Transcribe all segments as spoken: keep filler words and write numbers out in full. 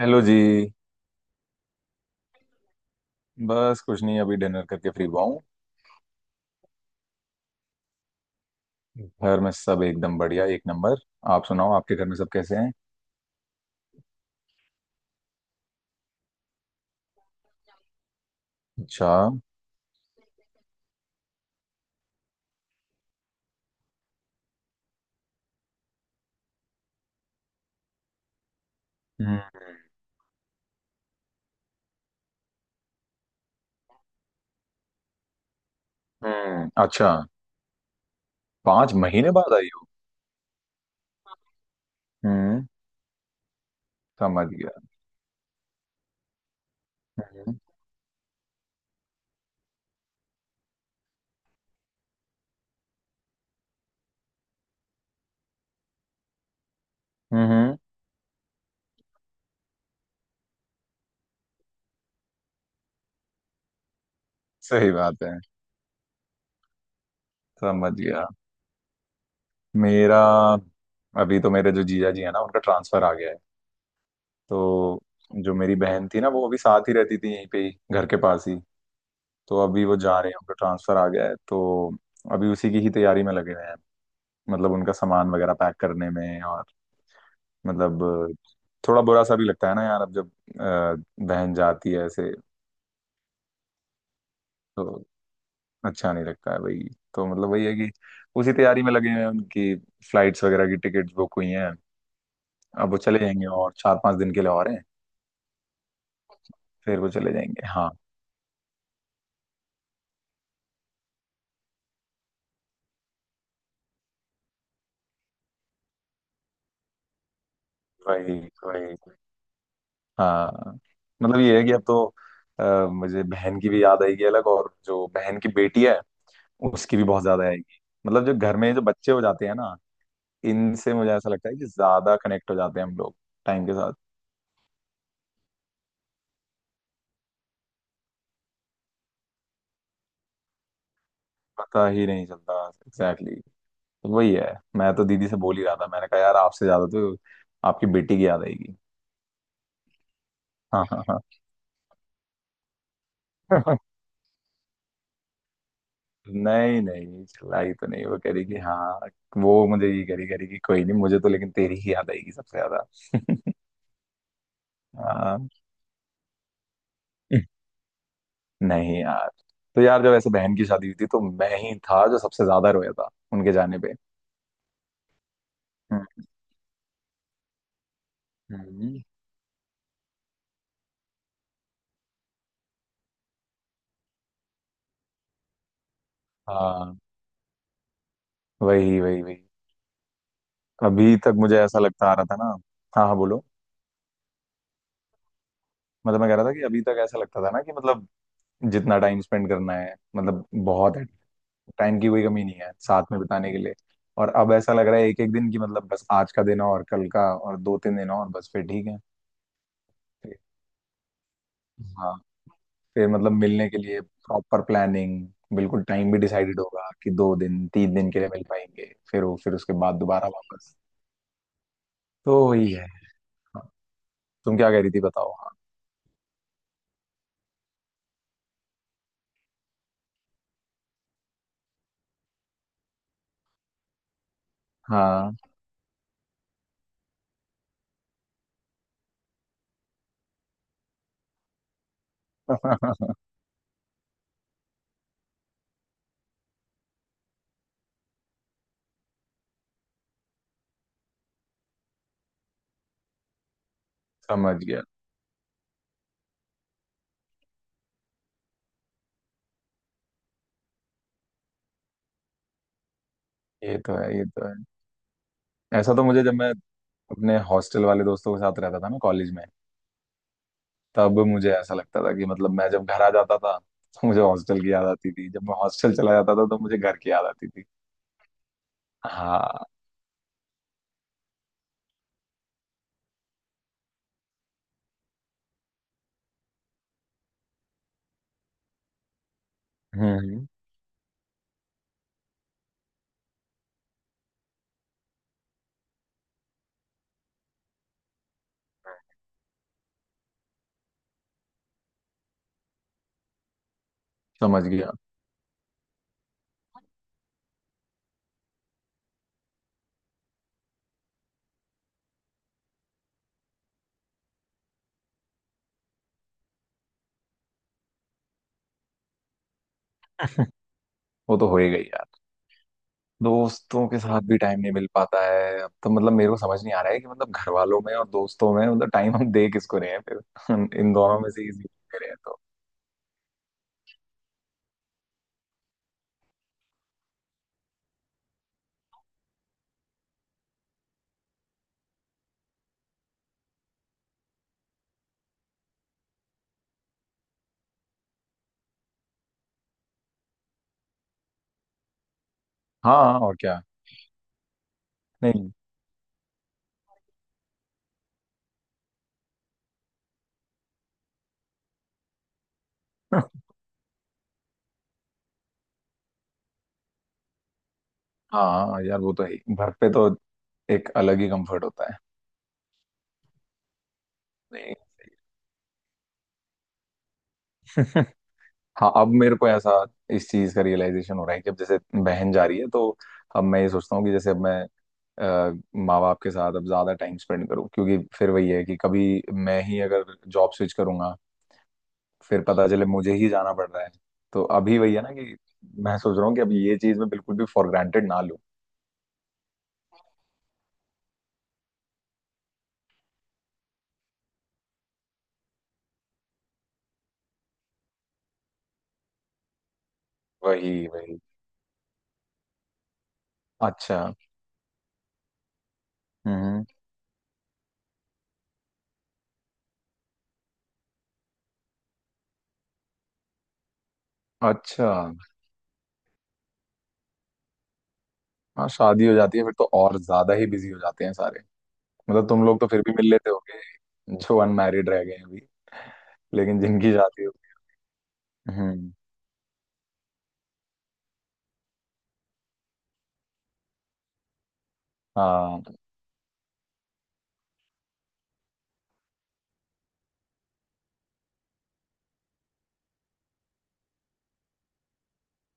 Hello जी। बस कुछ नहीं, अभी डिनर करके फ्री हुआ हूँ। घर में सब एकदम बढ़िया, एक नंबर। आप सुनाओ, आपके घर में सब कैसे हैं। अच्छा। हम्म। हम्म। अच्छा, पांच महीने बाद आई हो। हम्म, समझ गया। हम्म। हम्म। हम्म, सही बात है। समझ गया। मेरा, अभी तो मेरे जो जीजा जी है ना, उनका ट्रांसफर आ गया है। तो जो मेरी बहन थी ना, वो अभी साथ ही रहती थी, यहीं पे ही घर के पास ही। तो अभी वो जा रहे हैं, उनका ट्रांसफर आ गया है। तो अभी उसी की ही तैयारी में लगे हुए हैं, मतलब उनका सामान वगैरह पैक करने में। और मतलब थोड़ा बुरा सा भी लगता है ना यार, अब जब अ, बहन जाती है ऐसे तो। अच्छा नहीं लगता है। वही तो, मतलब वही है कि उसी तैयारी में लगे हुए हैं। उनकी फ्लाइट्स वगैरह की टिकट्स बुक हुई हैं। अब वो चले जाएंगे, और चार पांच दिन के लिए और हैं। फिर वो चले जाएंगे। हाँ। वही वही। हाँ, मतलब ये है कि अब तो अ, मुझे बहन की भी याद आएगी अलग, और जो बहन की बेटी है उसकी भी बहुत ज्यादा आएगी। मतलब जो घर में जो बच्चे हो जाते हैं ना, इनसे मुझे ऐसा लगता है कि ज्यादा कनेक्ट हो जाते हैं हम लोग टाइम के साथ। पता ही नहीं चलता, एग्जैक्टली exactly। तो वही है, मैं तो दीदी से बोल ही रहा था। मैंने कहा यार आपसे ज्यादा तो आपकी बेटी की याद आएगी। हाँ हाँ हाँ। नहीं, नहीं चिल्लाई तो नहीं। वो कह रही कि हाँ, वो मुझे ये कह रही कह रही कि कोई नहीं, मुझे तो लेकिन तेरी ही याद आएगी सबसे ज्यादा। हाँ। नहीं यार, तो यार जब ऐसे बहन की शादी हुई थी तो मैं ही था जो सबसे ज्यादा रोया था उनके जाने पे। हम्म। हम्म। हाँ। वही वही वही। अभी तक मुझे ऐसा लगता आ रहा था ना। हाँ हाँ, बोलो। मतलब मैं कह रहा था कि अभी तक ऐसा लगता था ना कि मतलब जितना टाइम स्पेंड करना है, मतलब बहुत है। टाइम की कोई कमी नहीं है साथ में बिताने के लिए। और अब ऐसा लग रहा है एक एक दिन की, मतलब बस आज का दिन और कल का और दो तीन दिन, और बस फिर ठीक है। फिर- हाँ, फिर मतलब मिलने के लिए प्रॉपर प्लानिंग, बिल्कुल टाइम भी डिसाइडेड होगा कि दो दिन तीन दिन के लिए मिल पाएंगे, फिर वो, फिर उसके बाद दोबारा वापस। तो वही है। हाँ, तुम क्या कह रही थी, बताओ। हाँ हाँ। समझ गया। ये तो है, ये तो है। ऐसा तो मुझे जब मैं अपने हॉस्टल वाले दोस्तों के साथ रहता था ना कॉलेज में, तब मुझे ऐसा लगता था कि मतलब मैं जब घर आ जाता था तो मुझे हॉस्टल की याद आती थी, जब मैं हॉस्टल चला जाता था तो मुझे घर की याद आती थी। हाँ। हम्म हम्म, समझ गया। वो तो हो ही गई यार। दोस्तों के साथ भी टाइम नहीं मिल पाता है अब तो। मतलब मेरे को समझ नहीं आ रहा है कि मतलब घर वालों में और दोस्तों में, मतलब टाइम हम दे किसको रहे हैं फिर, इन दोनों में से किसी को दे रहे हैं तो। हाँ, और क्या। नहीं। हाँ यार, वो तो है ही। घर पे तो एक अलग ही कंफर्ट होता है। नहीं। हाँ, अब मेरे को ऐसा, इस चीज का रियलाइजेशन हो रहा है कि अब जैसे बहन जा रही है तो अब मैं ये सोचता हूँ कि जैसे अब मैं माँ बाप के साथ अब ज्यादा टाइम स्पेंड करूँ, क्योंकि फिर वही है कि कभी मैं ही अगर जॉब स्विच करूंगा, फिर पता चले मुझे ही जाना पड़ रहा है। तो अभी वही है ना कि मैं सोच रहा हूँ कि अब ये चीज मैं बिल्कुल भी फॉर ग्रांटेड ना लूँ। वही वही। अच्छा। हम्म। अच्छा। हाँ, शादी हो जाती है फिर तो और ज्यादा ही बिजी हो जाते हैं सारे। मतलब तुम लोग तो फिर भी मिल लेते होगे जो अनमैरिड रह गए हैं अभी, लेकिन जिनकी शादी हो गई। हम्म। हाँ।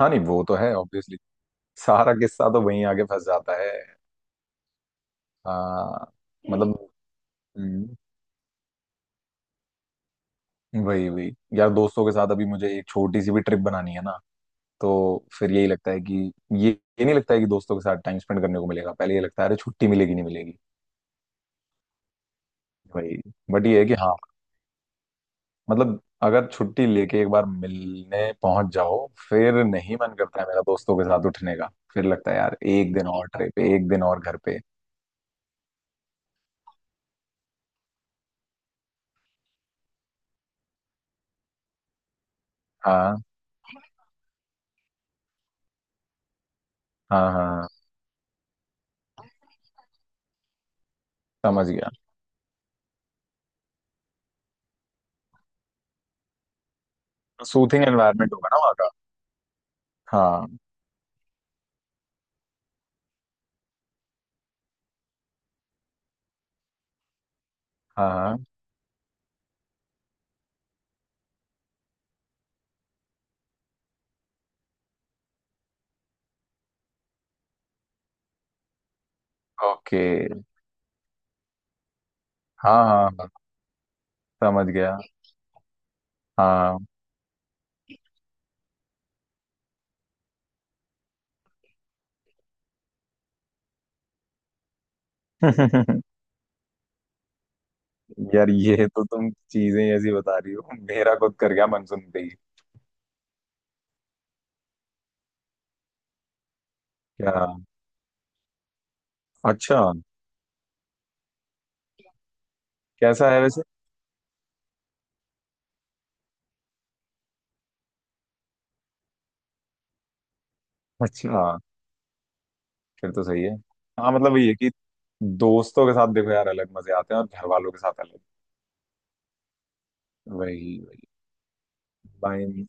हाँ, नहीं वो तो है ऑब्वियसली। सारा किस्सा तो वहीं आके फंस जाता है। हाँ। मतलब हम्म, वही वही। यार दोस्तों के साथ अभी मुझे एक छोटी सी भी ट्रिप बनानी है ना, तो फिर यही लगता है कि ये ये नहीं लगता है कि दोस्तों के साथ टाइम स्पेंड करने को मिलेगा, पहले ये लगता है अरे छुट्टी मिलेगी नहीं मिलेगी। वही। बट ये है कि हाँ, मतलब अगर छुट्टी लेके एक बार मिलने पहुंच जाओ, फिर नहीं मन करता है मेरा दोस्तों के साथ उठने का। फिर लगता है यार एक दिन और ट्रिप पे, एक दिन और घर पे। हाँ हाँ हाँ। हाँ, समझ गया। सूथिंग एनवायरनमेंट होगा ना वहाँ का। हाँ हाँ हाँ। ओके। हाँ हाँ हाँ, समझ गया। हाँ। यार ये तो, तुम चीजें ऐसी बता रही हो, मेरा खुद कर गया मन सुनते ही। क्या। अच्छा, कैसा है वैसे। अच्छा, फिर तो सही है। हाँ, मतलब वही है कि दोस्तों के साथ देखो यार अलग मजे आते हैं, और घर वालों के साथ अलग। वही वही। भाई,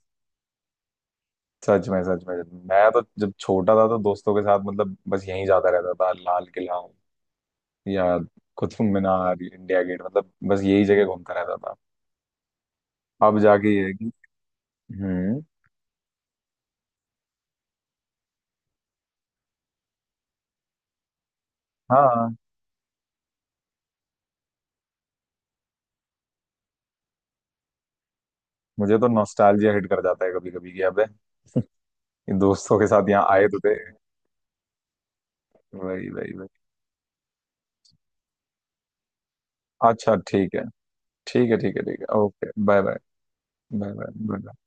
सच में सच में। मैं तो जब छोटा था तो दोस्तों के साथ, मतलब बस यहीं जाता रहता था, लाल किला या कुतुब मीनार, इंडिया गेट, मतलब बस यही जगह घूमता रहता था। अब जाके ये है कि, हम्म, हाँ, मुझे तो नॉस्टैल्जिया हिट कर जाता है कभी कभी कि अबे, ये दोस्तों के साथ यहाँ आए तो थे। वही वही वही। अच्छा ठीक है। ठीक है ठीक है ठीक है, okay, bye bye. Bye bye.